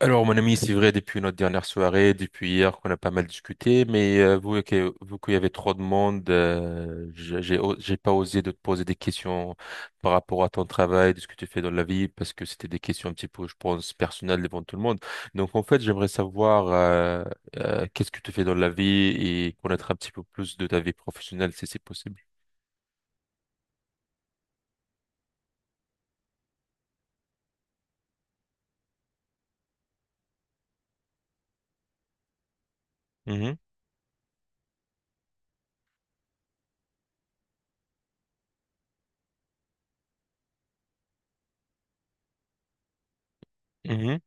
Alors, mon ami, c'est vrai, depuis notre dernière soirée, depuis hier, qu'on a pas mal discuté, mais vu qu'il y avait trop de monde, j'ai pas osé de te poser des questions par rapport à ton travail, de ce que tu fais dans la vie, parce que c'était des questions un petit peu, je pense, personnelles devant tout le monde. Donc, en fait, j'aimerais savoir qu'est-ce que tu fais dans la vie et connaître un petit peu plus de ta vie professionnelle, si c'est possible. Mhm, mhm,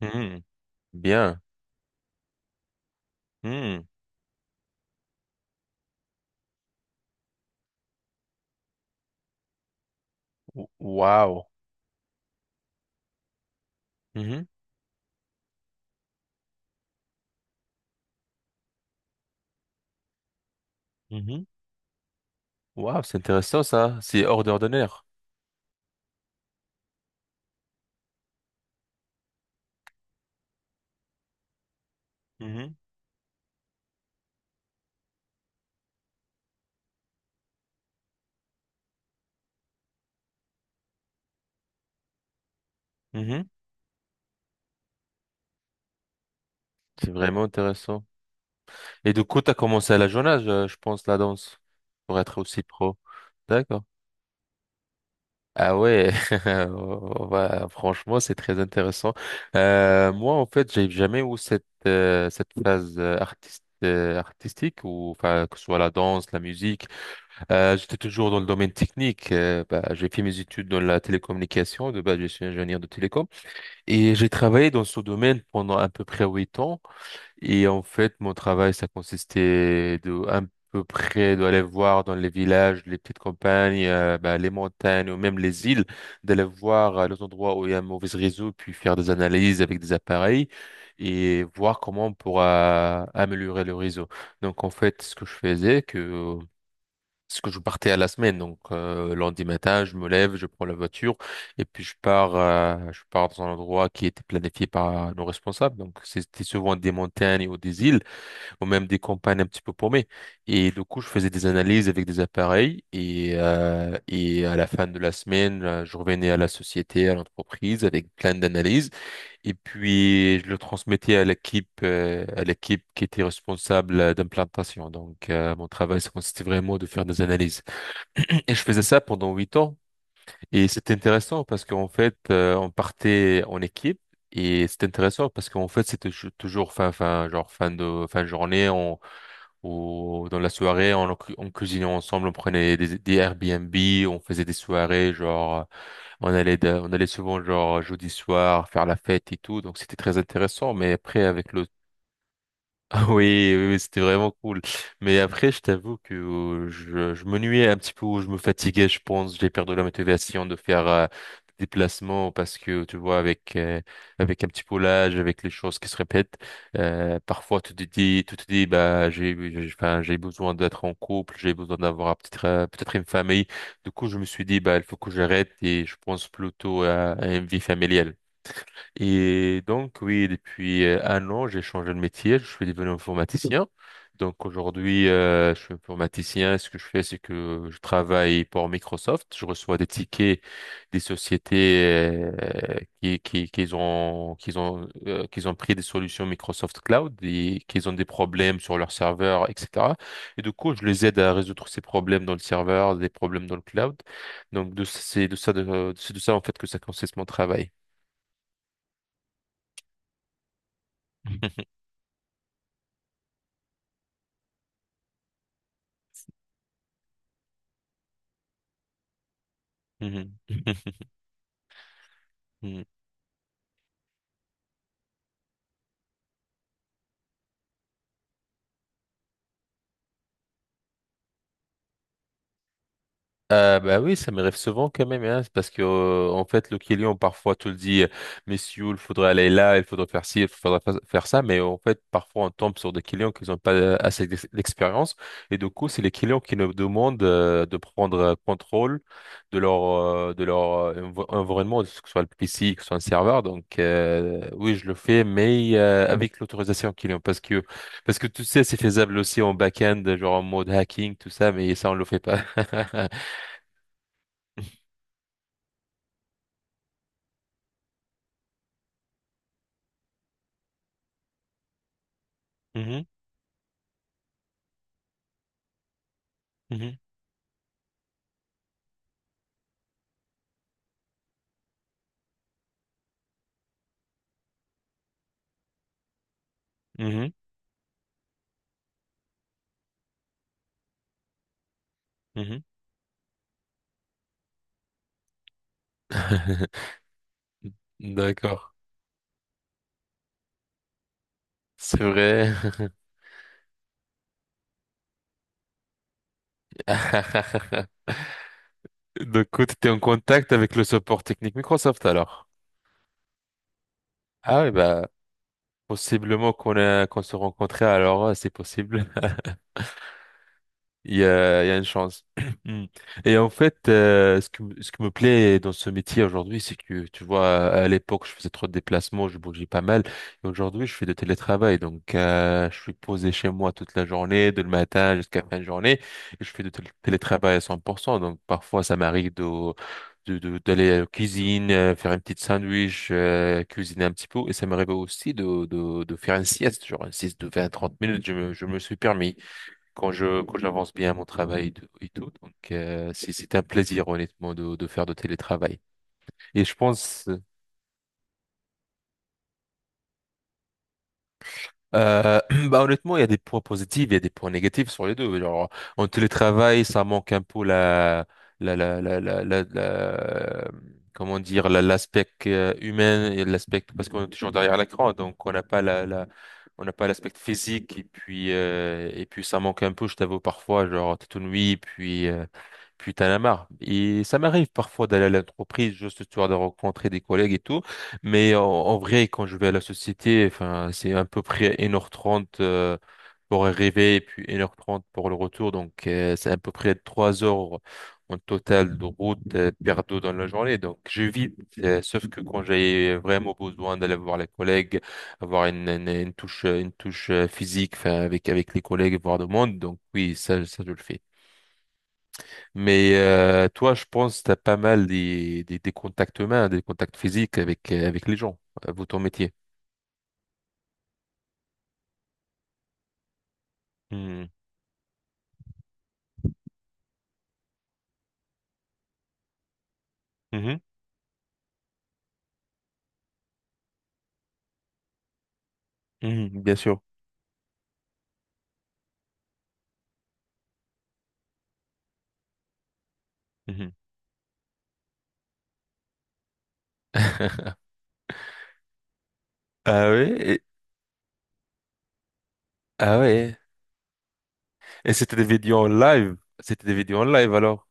mhm. Bien. Mhm. Wow. Waouh, c'est intéressant ça. C'est hors d'ordinaire. Mhm, mhm. C'est vraiment intéressant. Et du coup, t'as commencé à la jeune âge, je pense, la danse, pour être aussi pro. D'accord. Ah ouais, franchement, c'est très intéressant. Moi, en fait, j'ai jamais eu cette cette phase artiste artistique ou enfin que ce soit la danse, la musique. J'étais toujours dans le domaine technique. Bah, j'ai fait mes études dans la télécommunication. De base, je suis ingénieur de télécom. Et j'ai travaillé dans ce domaine pendant à peu près 8 ans. Et en fait, mon travail, ça consistait de à peu près d'aller voir dans les villages, les petites campagnes, bah, les montagnes ou même les îles, d'aller voir les endroits où il y a un mauvais réseau, puis faire des analyses avec des appareils et voir comment on pourra améliorer le réseau. Donc en fait, ce que je faisais, que parce que je partais à la semaine, donc lundi matin, je me lève, je prends la voiture et puis je pars dans un endroit qui était planifié par nos responsables. Donc c'était souvent des montagnes ou des îles ou même des campagnes un petit peu paumées. Et du coup, je faisais des analyses avec des appareils et à la fin de la semaine, je revenais à la société, à l'entreprise avec plein d'analyses et puis je le transmettais à l'équipe qui était responsable d'implantation. Donc mon travail, ça consistait vraiment de faire des analyses. Et je faisais ça pendant 8 ans. Et c'était intéressant parce qu'en fait, on partait en équipe. Et c'était intéressant parce qu'en fait, toujours genre fin de journée, ou dans la soirée, on cuisinait ensemble, on prenait des Airbnb, on faisait des soirées, genre, on allait souvent, genre, jeudi soir, faire la fête et tout. Donc, c'était très intéressant. Mais après, avec le Ah oui, oui, oui, c'était vraiment cool. Mais après, je t'avoue que je m'ennuyais un petit peu, je me fatiguais, je pense, j'ai perdu la motivation de faire des déplacements parce que, tu vois, avec un petit peu l'âge, avec les choses qui se répètent, parfois tu te dis, bah, enfin, j'ai besoin d'être en couple, j'ai besoin d'avoir peut-être une famille. Du coup, je me suis dit, bah, il faut que j'arrête et je pense plutôt à une vie familiale. Et donc, oui, depuis un an, j'ai changé de métier, je suis devenu informaticien. Donc aujourd'hui, je suis informaticien. Ce que je fais, c'est que je travaille pour Microsoft. Je reçois des tickets des sociétés qui ont pris des solutions Microsoft Cloud et qui ont des problèmes sur leur serveur, etc. Et du coup, je les aide à résoudre ces problèmes dans le serveur, des problèmes dans le cloud. C'est de ça en fait que ça consiste mon travail. Mhm. Mhm. Bah oui, ça m'arrive souvent quand même, hein, c'est parce que en fait le client parfois te le dit, messieurs, il faudrait aller là, il faudrait faire ci, il faudrait faire ça, mais en fait parfois on tombe sur des clients qui n'ont pas assez d'expérience et du coup c'est les clients qui nous demandent de prendre contrôle de leur environnement, que ce soit le PC, que ce soit un serveur. Donc oui, je le fais, mais avec l'autorisation client, parce que tu sais c'est faisable aussi en back-end, genre en mode hacking, tout ça, mais ça on le fait pas. Mhm, mhm, mhm, mhm. D'accord, c'est vrai. Donc, tu étais en contact avec le support technique Microsoft alors? Ah oui, bah, possiblement qu'on se rencontrait alors, ouais, c'est possible. Il y a une chance. Mm. Et en fait, ce qui me plaît dans ce métier aujourd'hui, c'est que, tu vois, à l'époque, je faisais trop de déplacements, je bougeais pas mal. Et aujourd'hui, je fais de télétravail. Donc, je suis posé chez moi toute la journée, de le matin jusqu'à la fin de journée. Et je fais de télétravail à 100%. Donc, parfois, ça m'arrive d'aller à la cuisine, faire un petit sandwich, cuisiner un petit peu. Et ça m'arrive aussi de faire une sieste, genre une sieste de 20-30 minutes. Je me suis permis quand j'avance bien mon travail et tout. Donc c'est un plaisir honnêtement de faire de télétravail. Et je pense euh, bah honnêtement il y a des points positifs, il y a des points négatifs sur les deux. Genre en télétravail ça manque un peu la la la la, la, la- comment dire l'aspect humain et l'aspect parce qu'on est toujours derrière l'écran donc on n'a pas l'aspect physique et puis ça manque un peu, je t'avoue parfois, genre t'es tout nuit, puis t'en as marre. Et ça m'arrive parfois d'aller à l'entreprise juste histoire de rencontrer des collègues et tout, mais en vrai, quand je vais à la société, enfin, c'est à peu près 1h30 pour arriver et puis 1h30 pour le retour, donc c'est à peu près 3 heures en total de route perdu dans la journée. Sauf que quand j'ai vraiment besoin d'aller voir les collègues, avoir une touche, physique, enfin, avec les collègues, voir le monde, donc oui, ça je le fais. Mais toi, je pense que tu as pas mal des contacts humains, des contacts physiques avec les gens, vous, ton métier. Mhm. Mhm. Mhm, bien sûr. Mhm. Ah oui, ah ouais. Et c'était des vidéos en live. C'était des vidéos en live alors.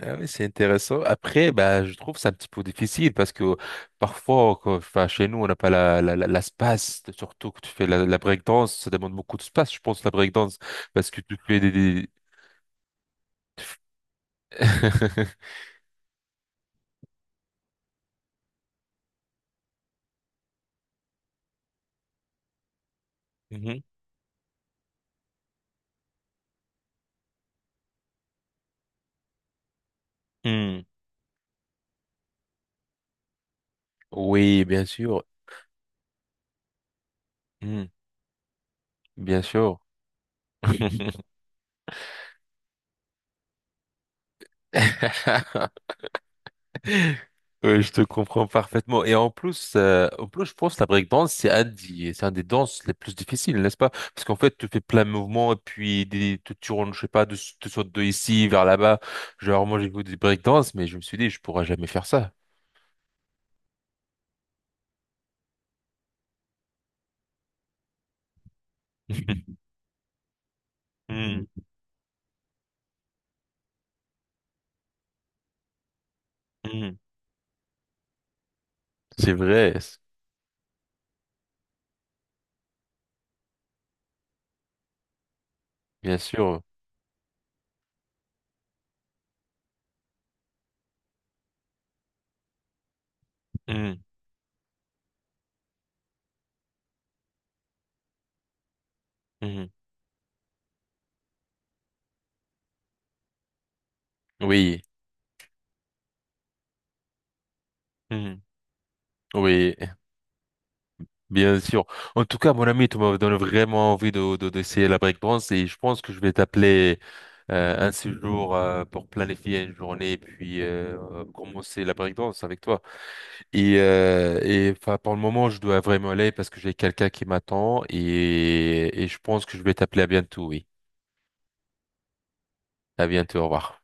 Ah oui, c'est intéressant. Après, bah, je trouve ça un petit peu difficile parce que parfois, enfin, chez nous, on n'a pas la space. Surtout que tu fais la breakdance, ça demande beaucoup de space, je pense, la breakdance, parce que tu fais des... Mhm. Oui, bien sûr. Hmm, bien sûr. Oui, je te comprends parfaitement. Et en plus, je pense que la breakdance, c'est un des danses les plus difficiles, n'est-ce pas? Parce qu'en fait, tu fais plein de mouvements et puis tu tournes, je sais pas, tu sautes de ici vers là-bas. Genre, moi, j'ai vu des breakdance, mais je me suis dit, je pourrais jamais faire ça. Hmm, hmm. C'est vrai, bien sûr. Hmm, hmm. Oui, hmm, oui. Bien sûr. En tout cas, mon ami, tu me donnes vraiment envie d'essayer la breakdance et je pense que je vais t'appeler un séjour pour planifier une journée et puis commencer la breakdance avec toi. Et enfin, pour le moment, je dois vraiment aller parce que j'ai quelqu'un qui m'attend et je pense que je vais t'appeler à bientôt, oui. À bientôt, au revoir.